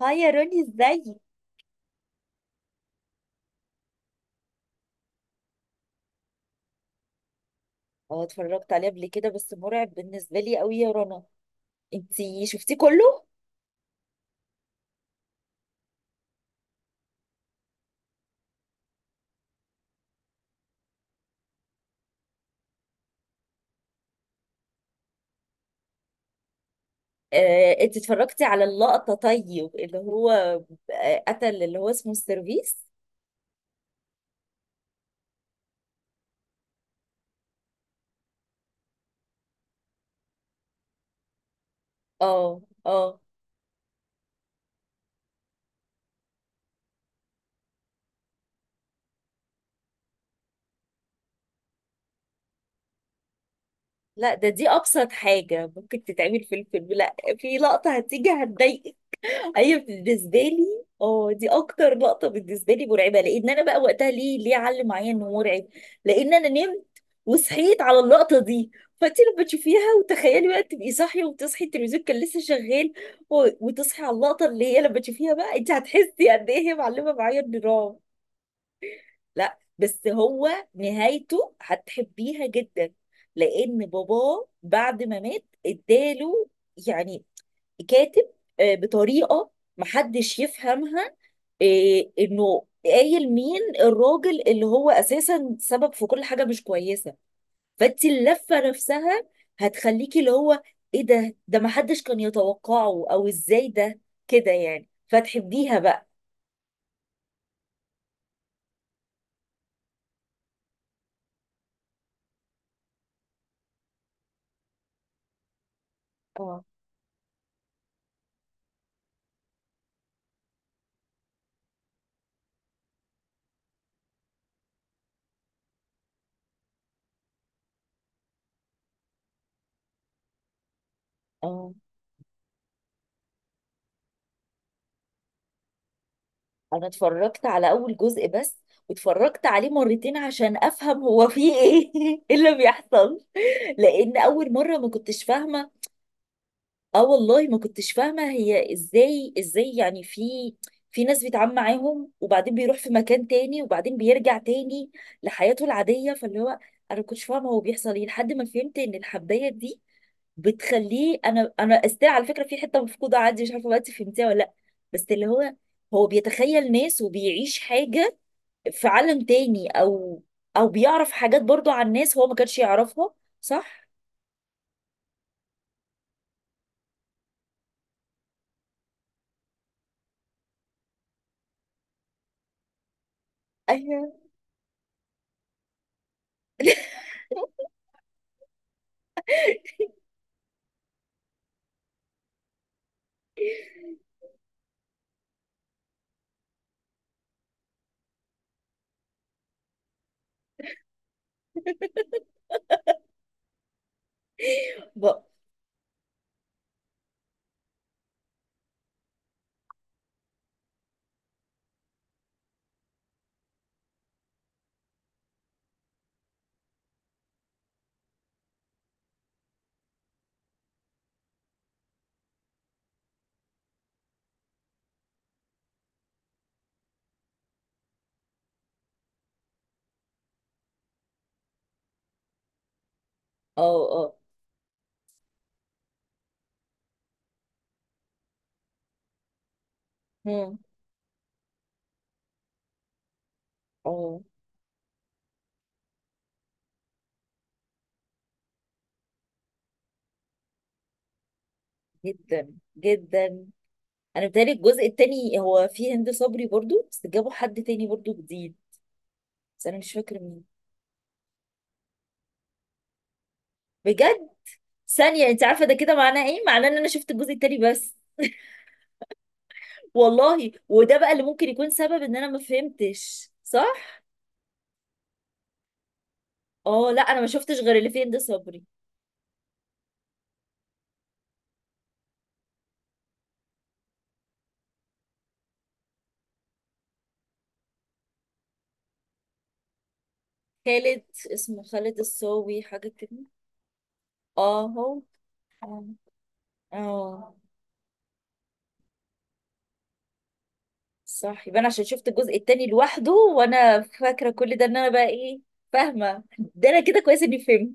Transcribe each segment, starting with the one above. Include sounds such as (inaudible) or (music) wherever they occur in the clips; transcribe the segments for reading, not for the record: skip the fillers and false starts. هاي يا روني، ازاي؟ اه، اتفرجت عليه قبل كده، بس مرعب بالنسبة لي قوي يا رنا. انتي شفتيه كله؟ انت اتفرجتي على اللقطة؟ طيب اللي هو قتل اللي هو اسمه السيرفيس. اه، اه، لا، دي ابسط حاجة ممكن تتعمل في الفيلم، لا في لقطة هتيجي هتضايقك. ايوه، بالنسبه لي، دي اكتر لقطه بالنسبه لي مرعبه، لان انا بقى وقتها ليه علم معايا انه مرعب. لان انا نمت وصحيت على اللقطه دي، فانت لما تشوفيها وتخيلي بقى تبقي صاحيه وتصحي، التلفزيون كان لسه شغال، وتصحي على اللقطه اللي هي، لما تشوفيها بقى انت هتحسي قد ايه هي معلمه معايا النظام. لا بس هو نهايته هتحبيها جدا، لان باباه بعد ما مات اداله، يعني كاتب بطريقه محدش يفهمها، انه قايل مين الراجل اللي هو اساسا سبب في كل حاجه مش كويسه. فانت اللفه نفسها هتخليكي اللي هو ايه ده، محدش كان يتوقعه او ازاي ده كده يعني، فتحبيها بقى. اه، اه، انا اتفرجت على اول جزء بس، واتفرجت عليه مرتين عشان افهم هو فيه ايه، (laughs) إيه اللي بيحصل، لان اول مره ما كنتش فاهمه. اه والله ما كنتش فاهمة هي ازاي، يعني في ناس بيتعامل معاهم، وبعدين بيروح في مكان تاني، وبعدين بيرجع تاني لحياته العادية، فاللي هو انا ما كنتش فاهمة هو بيحصل ايه، لحد ما فهمت ان الحباية دي بتخليه. انا استاذ على فكرة في حتة مفقودة عندي، مش عارفة بقى انت فهمتيها ولا لا، بس اللي هو هو بيتخيل ناس وبيعيش حاجة في عالم تاني، او بيعرف حاجات برضو عن ناس هو ما كانش يعرفها، صح؟ ايوه. (laughs) بقى. اه، اه، مم. اه، جدا جدا. انا بتهيألي الجزء التاني هو فيه هند صبري برضو، بس جابوا حد تاني برضو جديد، بس انا مش فاكره مين. بجد؟ ثانيه، انت عارفه ده كده معناه ايه؟ معناه ان انا شفت الجزء التاني بس. والله، وده بقى اللي ممكن يكون سبب ان انا ما فهمتش صح. اه، لا انا ما شفتش غير اللي فيه هند صبري. خالد، اسمه خالد الصاوي حاجه كده. اه، هو. اه، صح، يبقى انا عشان شفت الجزء التاني لوحده، وانا فاكره كل ده، ان انا بقى ايه فاهمه ده. انا كده كويس اني فهمت.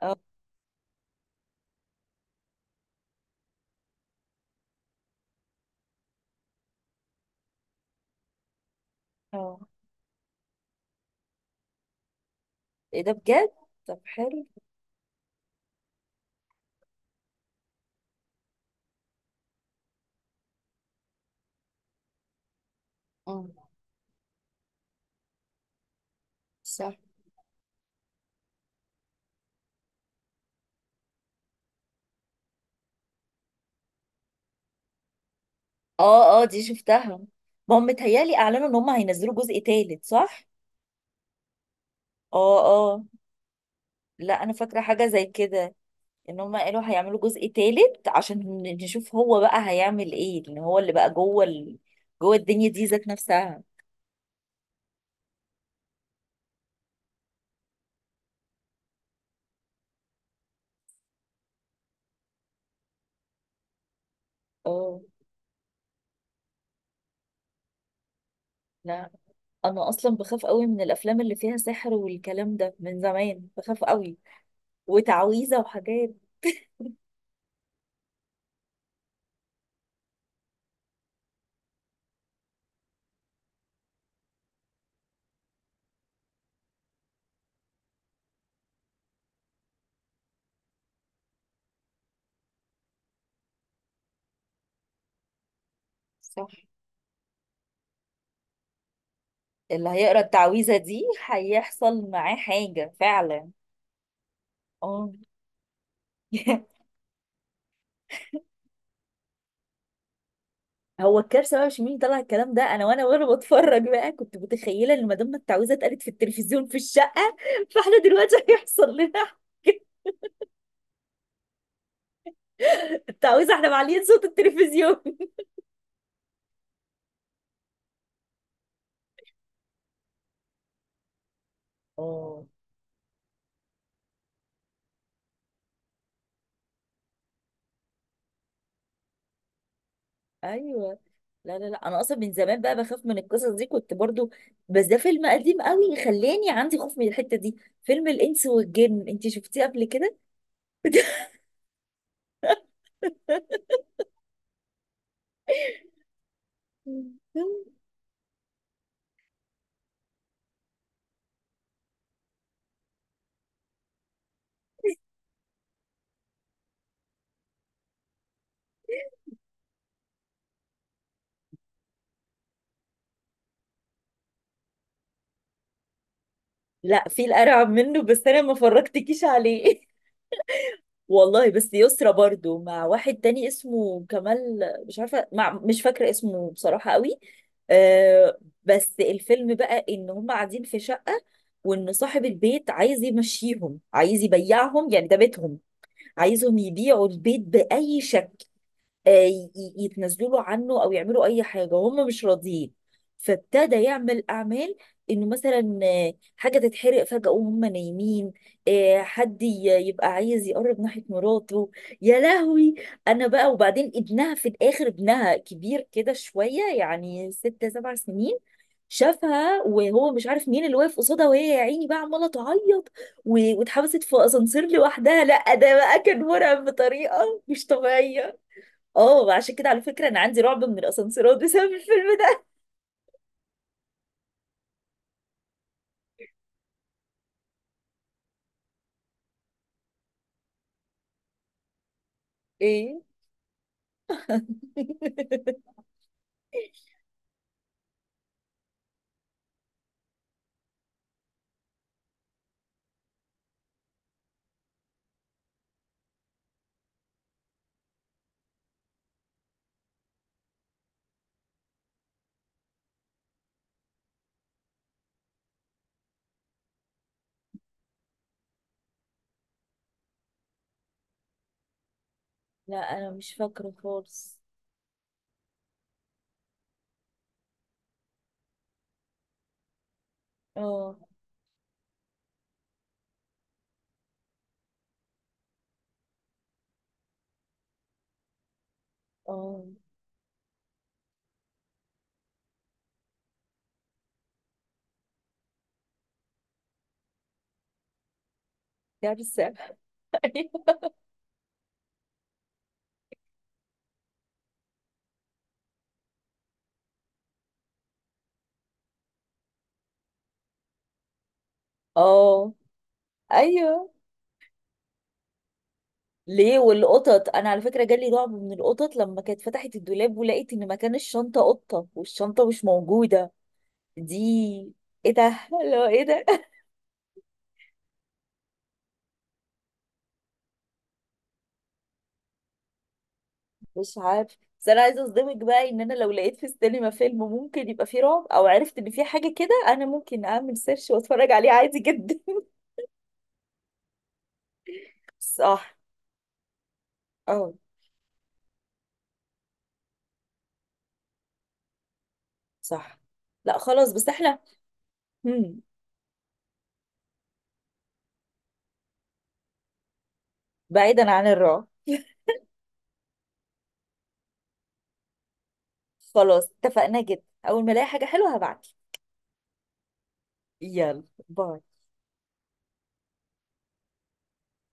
اه، اه، ايه ده، بجد؟ طب حلو. اه، صح. اه، اه، دي شفتها. ما هم متهيألي اعلنوا ان هم هينزلوا جزء تالت، صح؟ اه، اه، لا انا فاكره حاجه زي كده، ان هم قالوا هيعملوا جزء تالت عشان نشوف هو بقى هيعمل ايه، لان هو اللي بقى جوه جوه الدنيا دي ذات نفسها. اه، لا انا اصلا بخاف قوي من الافلام اللي فيها سحر والكلام ده، من زمان بخاف قوي وتعويذه وحاجات. صح، اللي هيقرا التعويذه دي هيحصل معاه حاجه فعلا. اه. (laughs) هو الكارثه بقى مش مين طلع الكلام ده، انا وانا بتفرج بقى كنت متخيله ان ما دام التعويذه اتقالت في التلفزيون في الشقه، فاحنا دلوقتي هيحصل لنا حاجة. (laughs) التعويذه احنا معليين صوت التلفزيون. اه، ايوه. لا، لا، لا، انا اصلا من زمان بقى بخاف من القصص دي، كنت برضو، بس ده فيلم قديم قوي خلاني عندي خوف من الحتة دي. فيلم الانس والجن، انت شفتيه قبل كده؟ (laughs) لا في الارعب منه، بس انا ما فرجتكيش عليه. (laughs) والله، بس يسرا برضو مع واحد تاني اسمه كمال، مش عارفه مع مش فاكره اسمه بصراحه قوي، آه بس الفيلم بقى ان هم قاعدين في شقه، وان صاحب البيت عايز يمشيهم، عايز يبيعهم، يعني ده بيتهم، عايزهم يبيعوا البيت بأي شكل، يتنازلوا له عنه أو يعملوا أي حاجة، هم مش راضيين. فابتدى يعمل أعمال، إنه مثلا حاجة تتحرق فجأة وهم نايمين، حد يبقى عايز يقرب ناحية مراته. يا لهوي، أنا بقى. وبعدين ابنها في الآخر، ابنها كبير كده شوية، يعني 6 7 سنين، شافها وهو مش عارف مين اللي واقف قصادها، وهي يا عيني بقى عماله تعيط، واتحبست في اسانسير لوحدها. لا، ده بقى كان مرعب بطريقه مش طبيعيه. اه، عشان كده على فكره انا عندي رعب من الاسانسيرات بسبب الفيلم ده. (laughs) ايه؟ (laughs) لا انا مش فاكره خالص. اه، اه، كارثه. (laughs) اه، ايوه، ليه؟ والقطط، انا على فكره جالي رعب من القطط لما كانت فتحت الدولاب، ولقيت ان مكان الشنطه قطه والشنطه مش موجوده دي. ايه ده، لو ايه ده؟ (laughs) مش عارف. بس انا عايزه اصدمك بقى ان انا لو لقيت في السينما فيلم ممكن يبقى فيه رعب، او عرفت ان فيه حاجه كده، انا ممكن اعمل سيرش واتفرج عليه عادي جدا. (laughs) صح. اه، صح. لا خلاص، بس احنا هم، بعيدا عن الرعب. (laughs) خلاص، اتفقنا جدا، اول ما الاقي حاجه حلوه هبعتلك. يلا، باي.